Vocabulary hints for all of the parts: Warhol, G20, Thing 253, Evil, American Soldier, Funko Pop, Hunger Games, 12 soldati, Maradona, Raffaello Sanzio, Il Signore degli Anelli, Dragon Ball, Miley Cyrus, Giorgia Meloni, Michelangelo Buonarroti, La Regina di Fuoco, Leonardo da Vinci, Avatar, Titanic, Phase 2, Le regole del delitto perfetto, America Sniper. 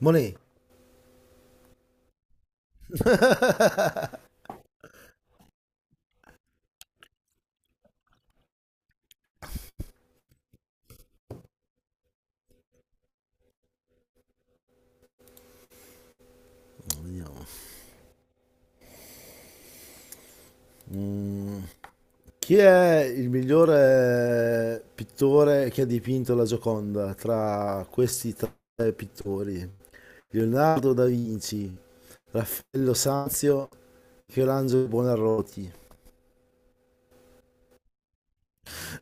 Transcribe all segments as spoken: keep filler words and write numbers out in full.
Molegno. Mm, Chi è il migliore pittore che ha dipinto la Gioconda tra questi tre pittori? Leonardo da Vinci, Raffaello Sanzio, Michelangelo Buonarroti.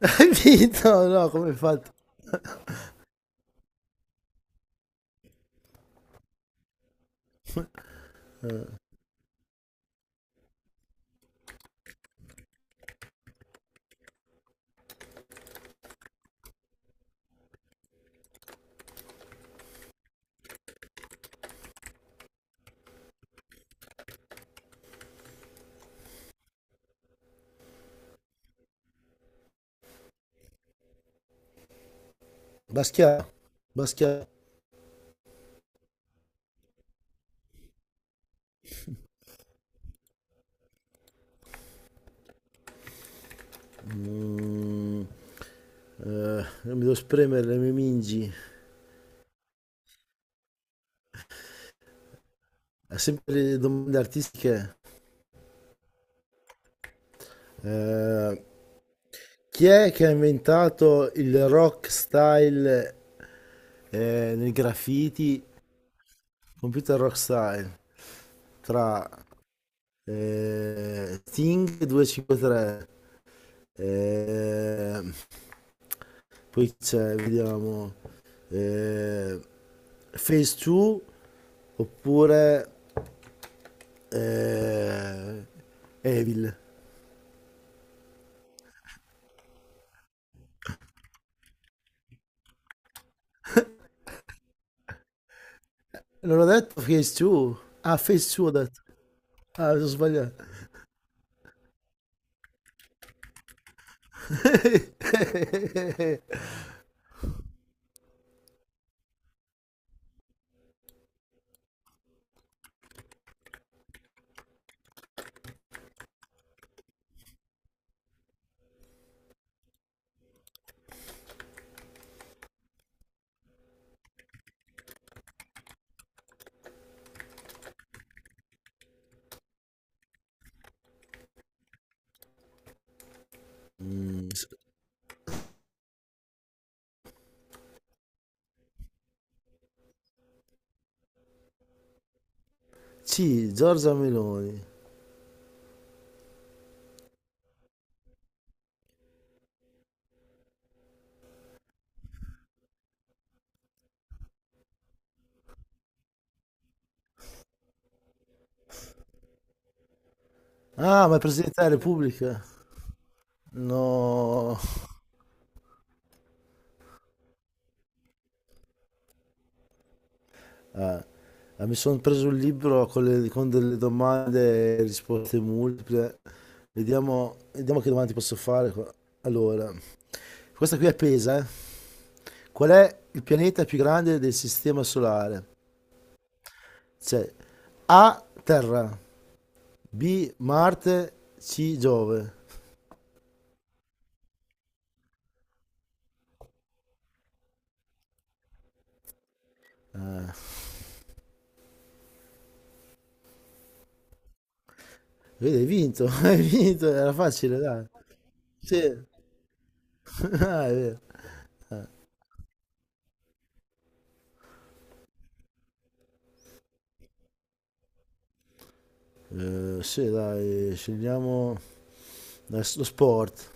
Hai vinto? No, come hai fatto? Baschià. Baschià. Mm, eh, non mi devo spremere le mie mingi. Sempre domande artistiche. Eh, Chi è che ha inventato il rock style eh, nel graffiti, computer rock style, tra eh, Thing duecentocinquantatré, eh, poi c'è, vediamo, eh, Phase due oppure eh, Evil. Non ho detto Phase due? Ah, Phase due ho detto. Ah, mi sono sbagliato. Mm, sì, Giorgia Meloni. Ah, ma è Presidente della Repubblica? No. Ah, ah, mi sono preso un libro con, le- con delle domande e risposte multiple. Vediamo, vediamo che domande ti posso fare qua. Allora, questa qui è pesa, eh. Qual è il pianeta più grande del sistema solare? C'è A, Terra, B, Marte, C, Giove. Vedi, hai vinto, hai vinto, era facile, dai. Sì, ah, è vero. Eh, sì, dai, scegliamo lo sport.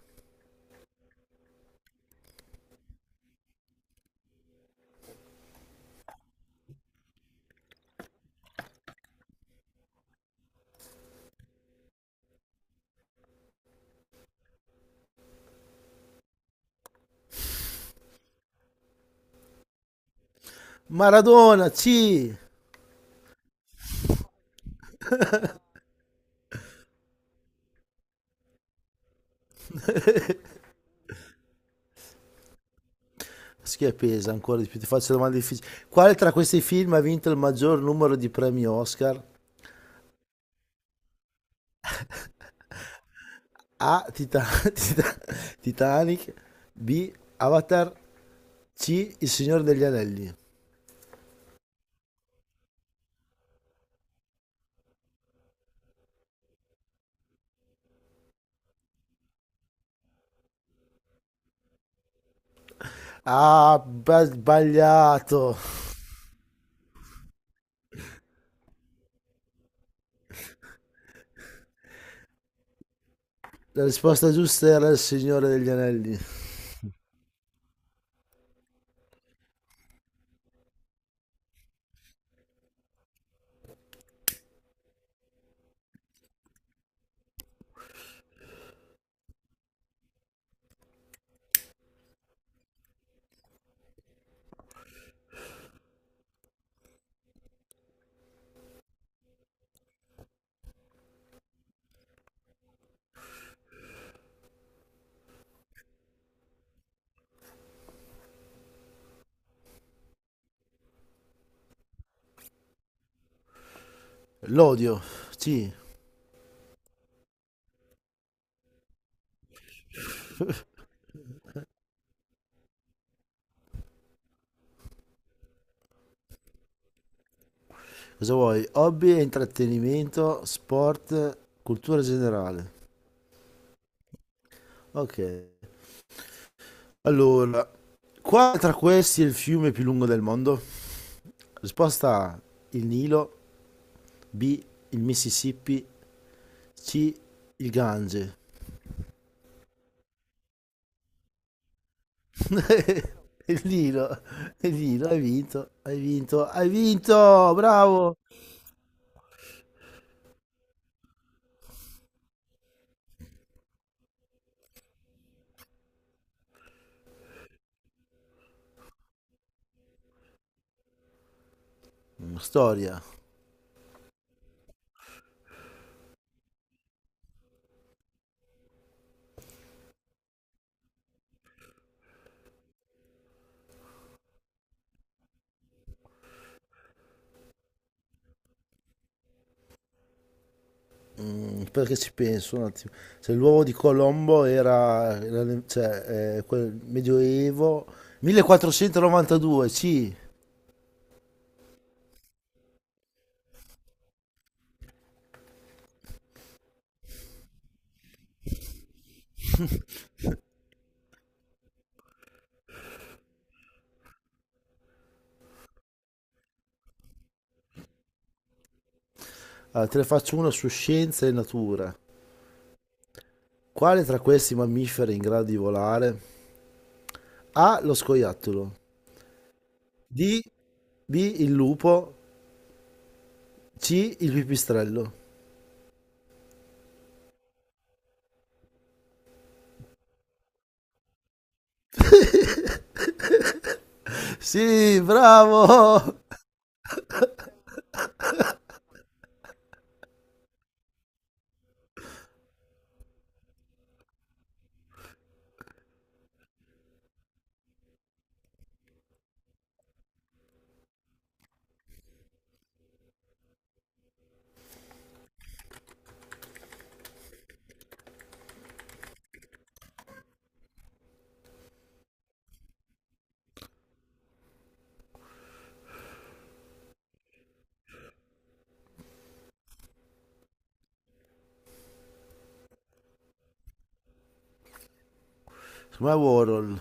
Maradona, sì! Schiappesa, ancora di più, ti faccio domande difficili. Quale tra questi film ha vinto il maggior numero di premi Oscar? A. Tita- Tita- Titanic. B. Avatar. C. Il Signore degli Anelli. Ah, ba- sbagliato. La risposta giusta era il Signore degli Anelli. L'odio. Sì. Cosa vuoi? Hobby e intrattenimento, sport, cultura generale. Ok. Allora, quale tra questi è il fiume più lungo del mondo? Risposta A, il Nilo, B, il Mississippi, C, il Gange. Il Nilo, il Nilo, hai vinto, hai vinto, hai vinto, bravo. Mm, Storia. Mm, perché ci penso un attimo. Se l'uovo di Colombo era, era nel- cioè, eh, quel medioevo millequattrocentonovantadue, sì. Ah, te ne faccio una su scienza e natura. Quale tra questi mammiferi è in grado di volare? A. Lo scoiattolo. D. B. Il lupo. C. Il pipistrello. Sì, bravo! Secondo me è Warhol.